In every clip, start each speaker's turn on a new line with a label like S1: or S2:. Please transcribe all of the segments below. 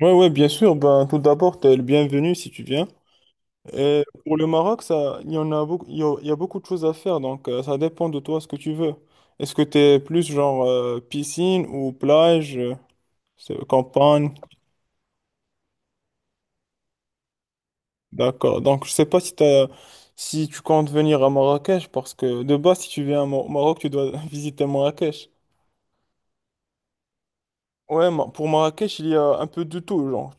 S1: Ouais, ouais, bien sûr. Ben, tout d'abord, t'es le bienvenu si tu viens. Pour le Maroc, ça, il y en a beaucoup, il y a beaucoup de choses à faire, donc ça dépend de toi ce que tu veux. Est-ce que t'es plus genre piscine ou plage, campagne? D'accord. Donc, je sais pas si tu comptes venir à Marrakech, parce que de base, si tu viens à au Maroc, tu dois visiter Marrakech. Ouais, pour Marrakech, il y a un peu de tout, genre,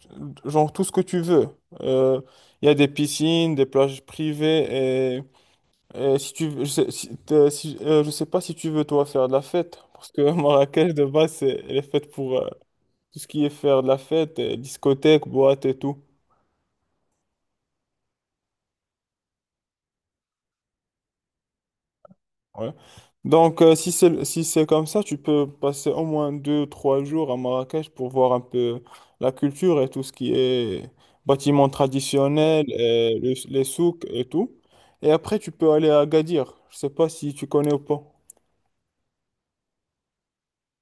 S1: genre tout ce que tu veux. Euh, Il y a des piscines, des plages privées. Et si tu veux- je sais, si, je sais pas si tu veux toi faire de la fête, parce que Marrakech de base, elle est faite pour tout ce qui est faire de la fête, discothèque, boîte et tout. Ouais. Donc si c'est comme ça, tu peux passer au moins 2, 3 jours à Marrakech pour voir un peu la culture et tout ce qui est bâtiments traditionnels, et les souks et tout. Et après, tu peux aller à Agadir. Je sais pas si tu connais ou pas.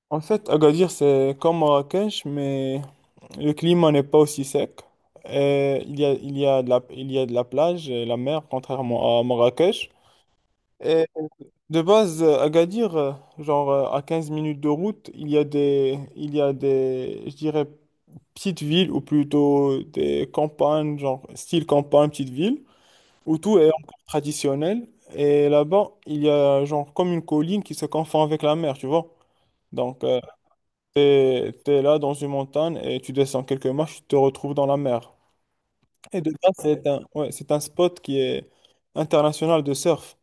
S1: En fait, Agadir, c'est comme Marrakech, mais le climat n'est pas aussi sec. Il y a de la plage et la mer, contrairement à Marrakech. Et de base, Agadir, à 15 minutes de route, il y a des, je dirais, petites villes ou plutôt des campagnes, genre style campagne, petite ville, où tout est encore traditionnel. Et là-bas, il y a genre comme une colline qui se confond avec la mer, tu vois. Donc, t'es là dans une montagne et tu descends quelques marches, tu te retrouves dans la mer. Et de là, ouais, c'est un spot qui est international de surf.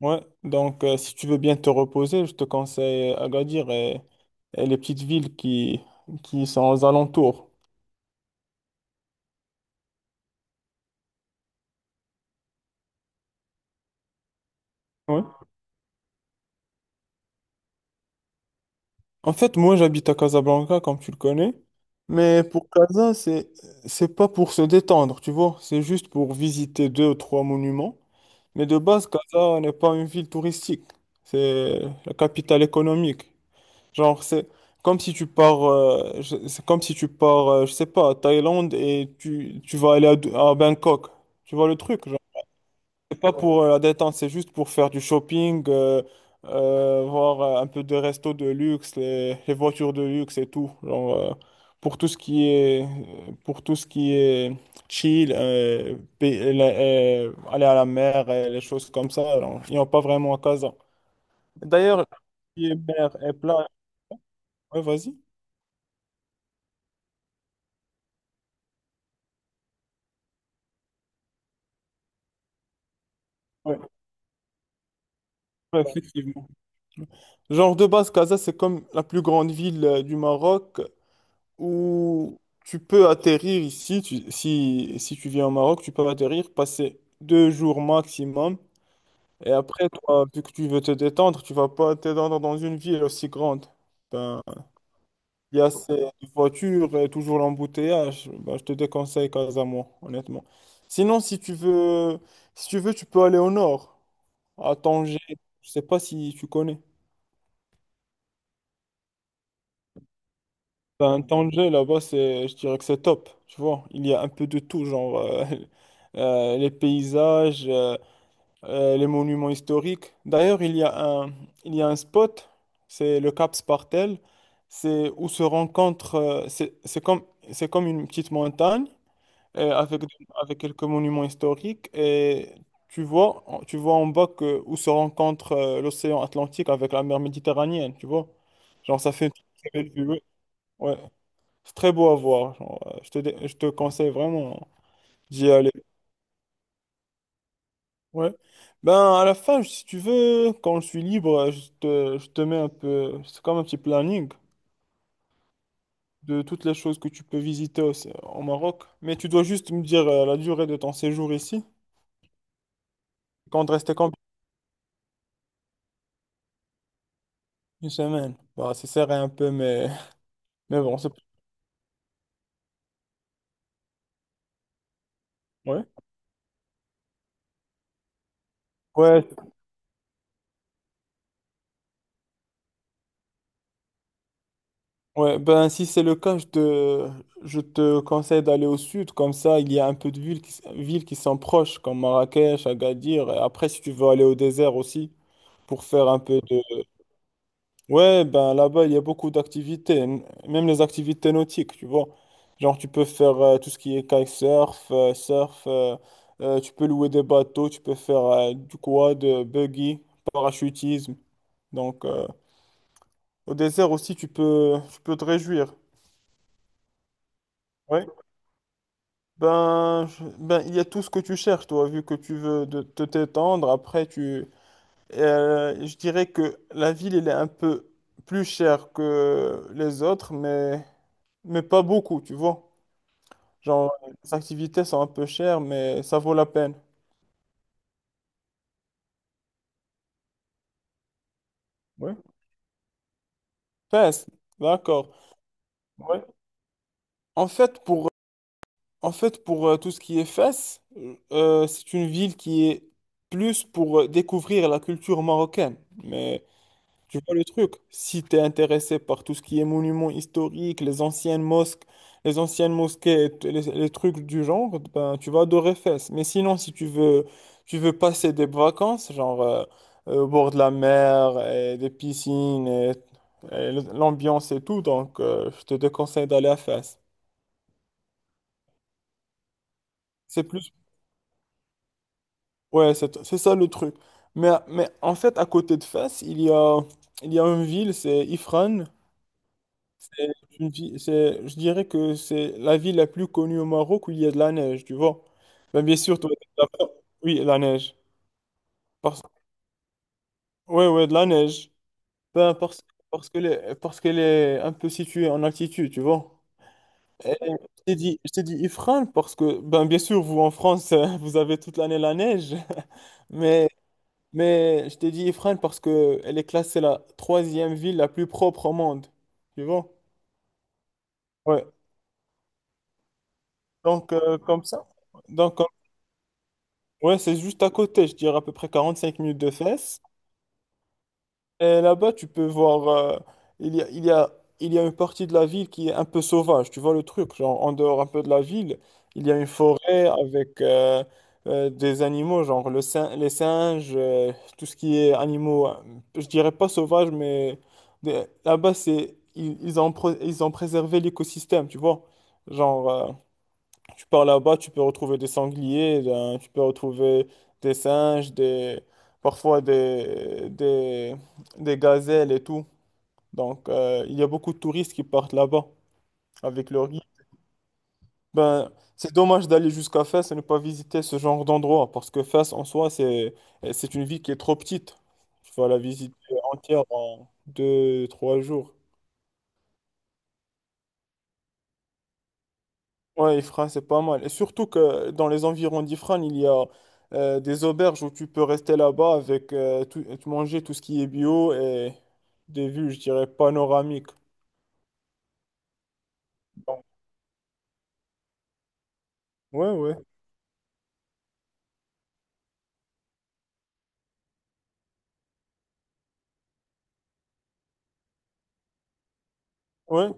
S1: Ouais. Donc, si tu veux bien te reposer, je te conseille Agadir, et les petites villes qui sont aux alentours. Ouais. En fait, moi, j'habite à Casablanca, comme tu le connais. Mais pour Casa, c'est pas pour se détendre, tu vois. C'est juste pour visiter deux ou trois monuments. Mais de base, Casa n'est pas une ville touristique. C'est la capitale économique. Genre, c'est comme si tu pars, je sais pas, à Thaïlande et tu vas aller à Bangkok. Tu vois le truc, genre. C'est pas pour la détente, c'est juste pour faire du shopping, voir un peu de resto de luxe, les voitures de luxe et tout. Genre, pour tout ce qui est, pour tout ce qui est chill, aller à la mer et les choses comme ça, alors, ils n'ont pas vraiment à Casa. D'ailleurs, qui est mer et plage, ouais, vas-y. Ouais. Ouais, effectivement. Genre de base, Casa, c'est comme la plus grande ville du Maroc où tu peux atterrir ici. Si tu viens au Maroc, tu peux atterrir, passer 2 jours maximum. Et après, toi, vu que tu veux te détendre, tu vas pas te détendre dans une ville aussi grande. Ben, il y a ces voitures et toujours l'embouteillage. Ben, je te déconseille Casa, moi, honnêtement. Sinon, si tu veux, tu peux aller au nord, à Tanger. Je sais pas si tu connais. Ben, Tanger, là-bas, je dirais que c'est top, tu vois. Il y a un peu de tout, genre les paysages, les monuments historiques. D'ailleurs, un, il y a un spot, c'est le Cap Spartel, c'est où se rencontrent, c'est comme une petite montagne euh, avec, avec quelques monuments historiques, et tu vois en bas où se rencontre l'océan Atlantique avec la mer Méditerranéenne, tu vois. Genre, ça fait une très belle vue. Ouais. C'est très beau à voir. Genre, je te conseille vraiment, hein, d'y aller. Ouais. Ben, à la fin, si tu veux, quand je suis libre, je te mets un peu. C'est comme un petit planning de toutes les choses que tu peux visiter au Maroc. Mais tu dois juste me dire la durée de ton séjour ici. Quand rester combien? Une semaine. Bah, c'est serré un peu, mais bon, c'est. Ouais. Ouais, ouais, ben si c'est le cas, je te conseille d'aller au sud, comme ça il y a un peu de villes qui, villes qui sont proches, comme Marrakech, Agadir, et après si tu veux aller au désert aussi, pour faire un peu de. Ouais, ben là-bas il y a beaucoup d'activités, même les activités nautiques, tu vois. Genre tu peux faire tout ce qui est kitesurf, surf, tu peux louer des bateaux, tu peux faire du quad, buggy, parachutisme. Donc au désert aussi tu peux te réjouir. Ouais. Ben, il y a tout ce que tu cherches, toi, vu que tu veux te t'étendre. Après, je dirais que la ville, elle est un peu plus chère que les autres, mais pas beaucoup, tu vois. Genre, les activités sont un peu chères, mais ça vaut la peine. Ouais. Fès, d'accord. Ouais. En fait, pour, en fait, pour tout ce qui est Fès, c'est une ville qui est plus pour découvrir la culture marocaine. Mais tu vois le truc, si tu es intéressé par tout ce qui est monuments historiques, les anciennes mosquées, et les trucs du genre, ben, tu vas adorer Fès. Mais sinon, si tu veux, tu veux passer des vacances, genre au bord de la mer, et des piscines, et l'ambiance et tout, donc je te déconseille d'aller à Fès. C'est plus. Ouais, c'est ça le truc. Mais en fait, à côté de Fès, il y a une ville, c'est Ifrane. C'est une vi- c'est- je dirais que c'est la ville la plus connue au Maroc où il y a de la neige, tu vois. Ben, bien sûr, toi, t'as pas- oui, la neige. Parce. Ouais, ouais, de la neige. Ben, parce parce qu'elle est un peu située en altitude, tu vois. Et je t'ai dit Ifrane parce que, ben, bien sûr, vous en France, vous avez toute l'année la neige. Mais, mais je t'ai dit Ifrane parce que elle est classée la troisième ville la plus propre au monde, tu vois. Ouais, donc comme ça. Donc, ouais, c'est juste à côté, je dirais à peu près 45 minutes de Fès. Et là-bas, tu peux voir, il y a, il y a, il y a une partie de la ville qui est un peu sauvage, tu vois le truc, genre en dehors un peu de la ville, il y a une forêt avec des animaux, genre les singes, tout ce qui est animaux, je dirais pas sauvage, mais là-bas, ils ont préservé l'écosystème, tu vois. Genre, tu pars là-bas, tu peux retrouver des sangliers, ben, tu peux retrouver des singes, parfois des gazelles et tout. Donc, il y a beaucoup de touristes qui partent là-bas avec leur guide. Ben, c'est dommage d'aller jusqu'à Fès et ne pas visiter ce genre d'endroit parce que Fès en soi, c'est une ville qui est trop petite. Tu vas la visiter entière en 2, 3 jours. Ouais, Ifrane, c'est pas mal. Et surtout que dans les environs d'Ifrane, il y a des auberges où tu peux rester là-bas avec tout, et manger tout ce qui est bio et des vues, je dirais, panoramiques. Donc, ouais, ouais, ouais.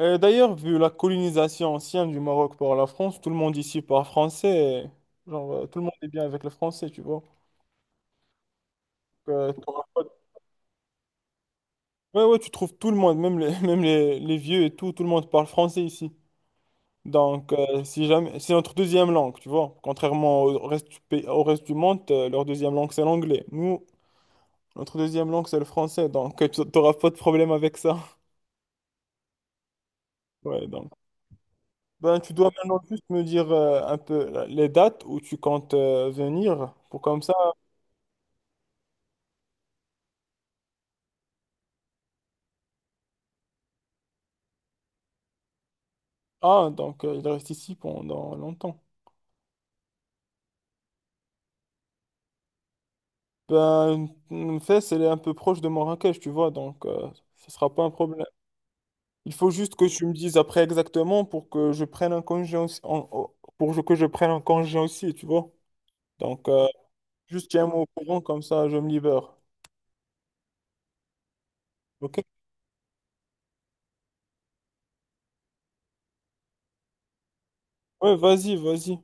S1: Et d'ailleurs, vu la colonisation ancienne du Maroc par la France, tout le monde ici parle français. Et, genre, tout le monde est bien avec le français, tu vois. Donc, t'auras pas de- ouais, ouais, tu trouves tout le monde, même les vieux et tout, tout le monde parle français ici. Donc, si jamais, c'est notre deuxième langue, tu vois. Contrairement au reste du monde, leur deuxième langue, c'est l'anglais. Nous, notre deuxième langue, c'est le français. Donc, tu n'auras pas de problème avec ça. Ouais, donc. Ben, tu dois maintenant juste me dire un peu les dates où tu comptes venir pour comme ça. Ah, donc il reste ici pendant longtemes. Ben, Fès, elle est un peu proche de Marrakech, tu vois, donc ce sera pas un problème. Il faut juste que tu me dises après exactement pour que je prenne un congé aussi, pour que je prenne un congé aussi, tu vois. Donc, juste tiens-moi au courant, comme ça, je me libère. OK? Ouais, vas-y, vas-y.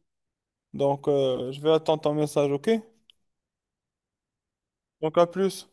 S1: Donc, je vais attendre ton message, OK? Donc, à plus.